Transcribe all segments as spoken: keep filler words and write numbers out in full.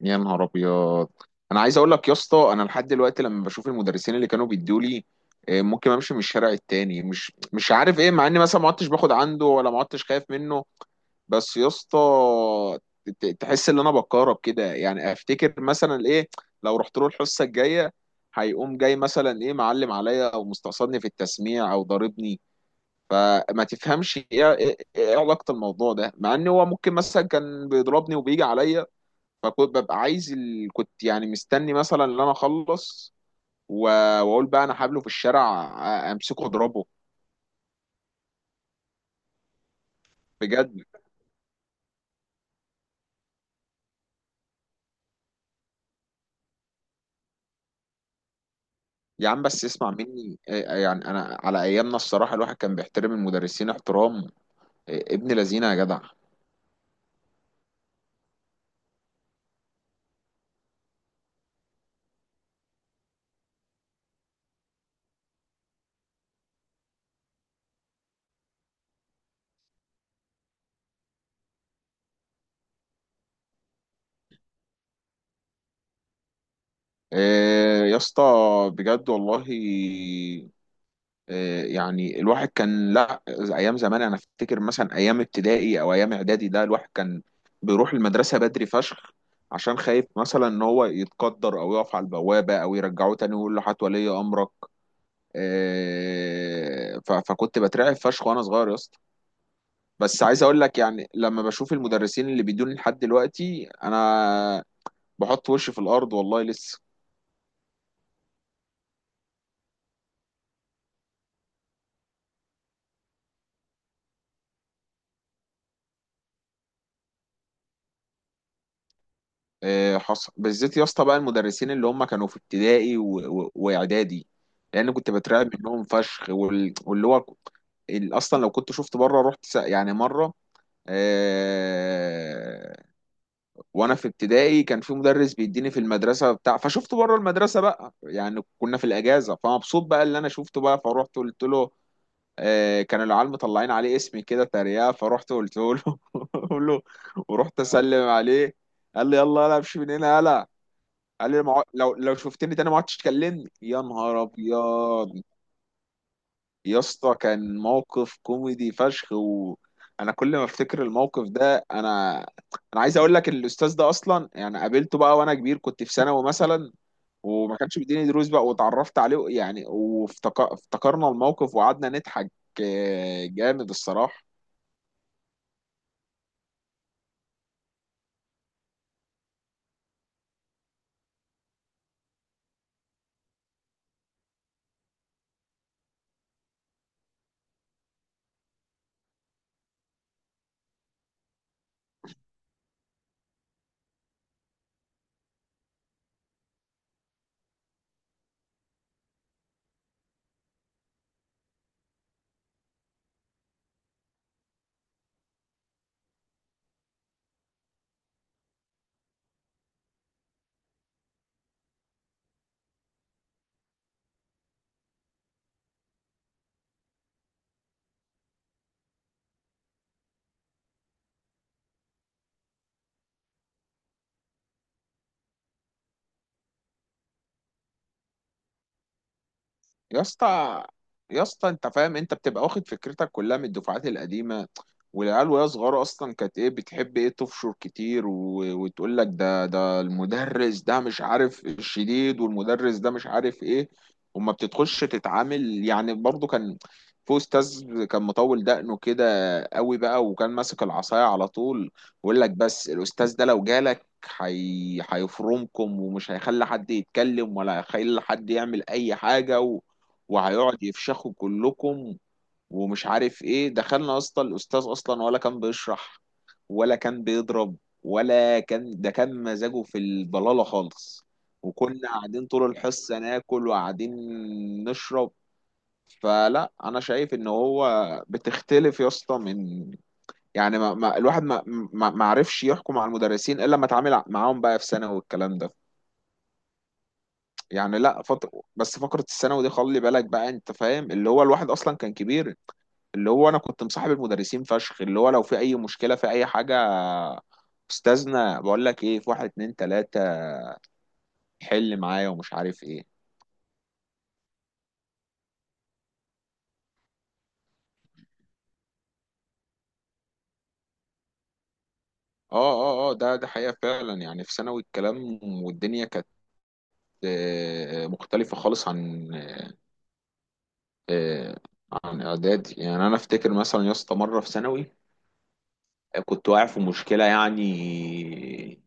يا نهار ابيض. انا عايز اقول لك يا اسطى، انا لحد دلوقتي لما بشوف المدرسين اللي كانوا بيدوا لي ممكن امشي من الشارع التاني، مش مش عارف ايه، مع اني مثلا ما عدتش باخد عنده ولا ما عدتش خايف منه. بس يا اسطى، ت- تحس ان انا بتكهرب كده، يعني افتكر مثلا ايه، لو رحت له الحصه الجايه هيقوم جاي مثلا ايه معلم عليا او مستقصدني في التسميع او ضاربني. فما تفهمش ايه ايه إيه علاقه الموضوع ده، مع ان هو ممكن مثلا كان بيضربني وبيجي عليا. فكنت ببقى عايز ال... كنت يعني مستني مثلا ان انا اخلص و... واقول بقى انا هقابله في الشارع، أ- امسكه اضربه. بجد. يا عم بس اسمع مني، إيه- يعني انا على ايامنا الصراحه الواحد كان بيحترم المدرسين احترام. إيه، ابن لذينه يا جدع. إيه، يا اسطى بجد والله. آه، يعني الواحد كان، لا، ايام زمان انا افتكر مثلا ايام ابتدائي او ايام اعدادي، ده الواحد كان بيروح المدرسه بدري فشخ، عشان خايف مثلا ان هو يتقدر او يقف على البوابه او يرجعوه تاني ويقول له هات ولي امرك. آه، ف- فكنت بترعب فشخ وانا صغير يا اسطى. بس عايز اقول لك يعني لما بشوف المدرسين اللي بيدوني لحد دلوقتي انا بحط وشي في الارض والله لسه. آه، حصل بالذات يا اسطى بقى المدرسين اللي هم كانوا في ابتدائي و... و... واعدادي، لان كنت بترعب منهم فشخ وال... واللي هو، ال- اصلا لو كنت شفت بره رحت س... يعني مره، آه... وانا في ابتدائي كان في مدرس بيديني في المدرسه بتاع، فشفته بره المدرسه بقى، يعني كنا في الاجازه، فمبسوط بقى اللي انا شفته بقى، فروحت قلت له. آه... كان العيال مطلعين عليه اسمي كده تريقه، فرحت قلت له قلت له. ورحت اسلم عليه، قال لي يلا يلا امشي من هنا يلا. قال لي مع... لو لو شفتني تاني ما عدتش تكلمني. يا نهار ابيض. يا اسطى كان موقف كوميدي فشخ، وانا كل ما افتكر الموقف ده انا انا عايز اقول لك، الاستاذ ده اصلا يعني قابلته بقى وانا كبير، كنت في ثانوي مثلا، وما كانش بيديني دروس بقى، واتعرفت عليه يعني، وافتكرنا الموقف وقعدنا نضحك. آه، جامد الصراحة. يا اسطى يا اسطى انت فاهم، انت بتبقى واخد فكرتك كلها من الدفعات القديمه، والعيال وهي صغيره اصلا كانت ايه بتحب ايه تفشر كتير و... وتقول لك ده ده المدرس ده مش عارف الشديد، والمدرس ده مش عارف ايه. وما بتدخلش تتعامل يعني، برضو كان في استاذ كان مطول دقنه كده قوي بقى، وكان ماسك العصايه على طول، ويقول لك بس الاستاذ ده لو جالك حي... هيفرمكم، ومش هيخلي حد يتكلم، ولا هيخلي حد يعمل اي حاجه، وهيقعد يفشخوا كلكم ومش عارف ايه. دخلنا يا اسطى الاستاذ اصلا ولا كان بيشرح ولا كان بيضرب، ولا كان ده كان مزاجه في الضلالة خالص، وكنا قاعدين طول الحصة ناكل وقاعدين نشرب. فلا انا شايف ان هو بتختلف يا اسطى من، يعني، ما ما الواحد ما ما ما عرفش يحكم على المدرسين الا لما اتعامل معاهم بقى في ثانوي والكلام ده. يعني لا، فترة بس فقرة الثانوي دي خلي بالك بقى انت فاهم، اللي هو الواحد اصلا كان كبير، اللي هو انا كنت مصاحب المدرسين فشخ، اللي هو لو في اي مشكله في اي حاجه، استاذنا بقول لك ايه في واحد اتنين تلاته حل معايا ومش عارف ايه. اه اه اه، ده ده حقيقه فعلا. يعني في ثانوي الكلام والدنيا كانت آه، مختلفه خالص، عن آه، عن اعدادي. يعني انا افتكر مثلا يا اسطى مره في ثانوي كنت واقع في مشكله، يعني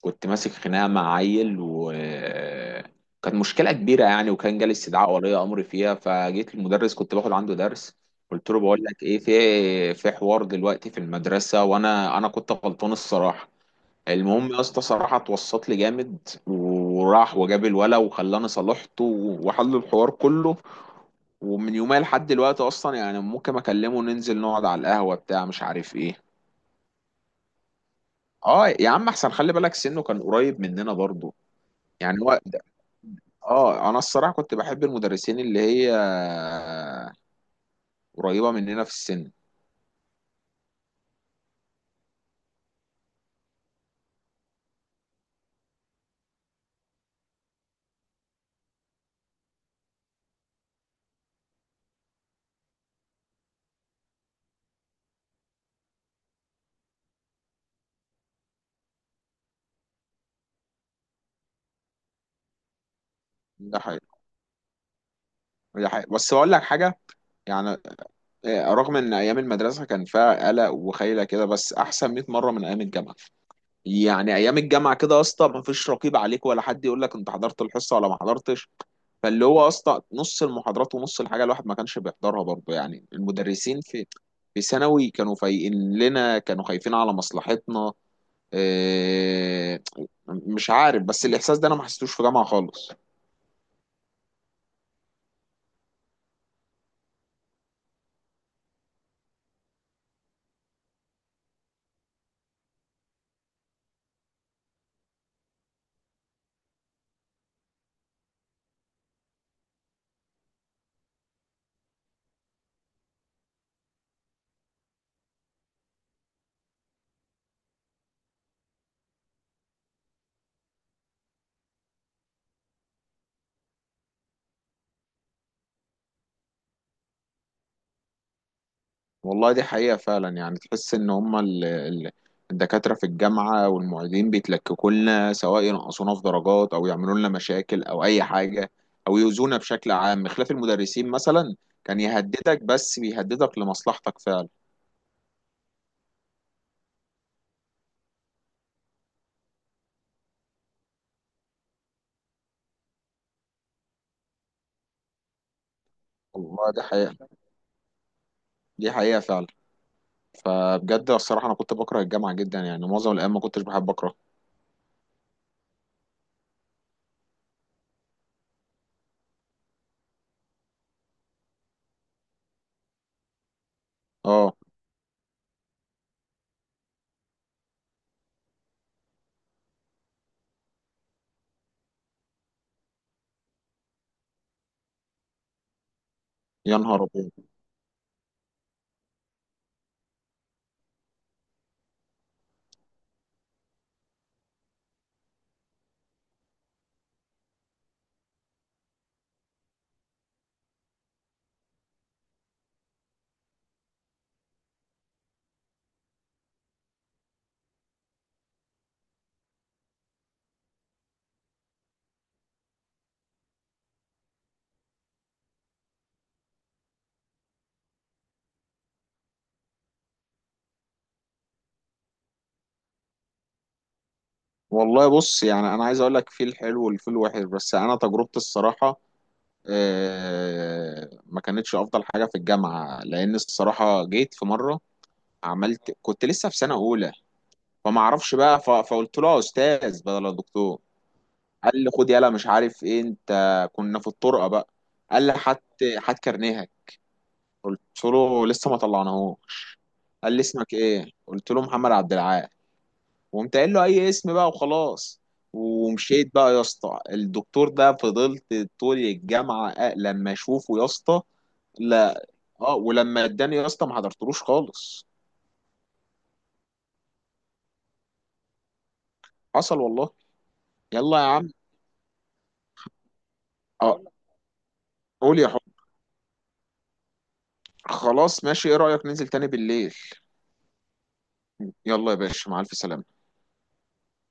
كنت ماسك خناقه مع عيل وكانت مشكله كبيره يعني، وكان جالي استدعاء ولي امر فيها، فجيت المدرس كنت باخد عنده درس، قلت له بقول لك ايه، في في حوار دلوقتي في المدرسه وانا انا كنت غلطان الصراحه. المهم يا اسطى صراحه اتوسط لي جامد، وراح وجاب الولا وخلاني صالحته وحل الحوار كله. ومن يومها لحد دلوقتي اصلا يعني ممكن اكلمه ننزل نقعد على القهوه بتاع مش عارف ايه. اه يا عم، احسن خلي بالك سنه كان قريب مننا برضه يعني هو. اه، انا الصراحه كنت بحب المدرسين اللي هي قريبه مننا في السن. ده حقيقي. ده حقيقي، بس اقول لك حاجه، يعني آه، رغم ان ايام المدرسه كان فيها قلق وخيله كده، بس احسن مائة مره من ايام الجامعه. يعني ايام الجامعه كده يا اسطى ما فيش رقيب عليك ولا حد يقول لك انت حضرت الحصه ولا ما حضرتش. فاللي هو يا اسطى نص المحاضرات ونص الحاجه الواحد ما كانش بيحضرها برضه، يعني المدرسين في في ثانوي كانوا فايقين لنا، كانوا خايفين على مصلحتنا. إيه، مش عارف بس الإحساس ده أنا ما حسيتوش في جامعة خالص. والله دي حقيقة فعلا، يعني تحس إن هما ال- ال- الدكاترة في الجامعة والمعيدين بيتلككوا لنا، سواء ينقصونا في درجات أو يعملوا لنا مشاكل أو أي حاجة، أو يؤذونا بشكل عام. خلاف المدرسين مثلا، كان يهددك بس بيهددك لمصلحتك فعلا. والله دي حقيقة. دي حقيقة فعلا. فبجد الصراحة أنا كنت بكره الجامعة جدا، يعني معظم الأيام ما كنتش بحب أكره. أه. يا نهار أبيض. والله بص يعني انا عايز اقول لك في الحلو والفي الوحش، بس انا تجربتي الصراحه آه، ما كانتش افضل حاجه في الجامعه، لان الصراحه جيت في مره، عملت، كنت لسه في سنه اولى، فما اعرفش بقى، ف- فقلت له يا استاذ بدل الدكتور. قال لي خد يلا مش عارف ايه انت، كنا في الطرقه بقى. قال لي هات هات كارنيهك. قلت له لسه ما طلعناهوش. قال لي اسمك ايه، قلت له محمد عبد العال، وقمت قايل له اي اسم بقى وخلاص، ومشيت بقى يا اسطى. الدكتور ده فضلت طول الجامعه، أ- لما اشوفه يا اسطى. لا. اه، ولما اداني يا اسطى ما حضرتلوش خالص. حصل والله. يلا يا عم. اه، قول يا حب. خلاص ماشي، ايه رايك ننزل تاني بالليل؟ يلا يا باشا، مع الف سلامه.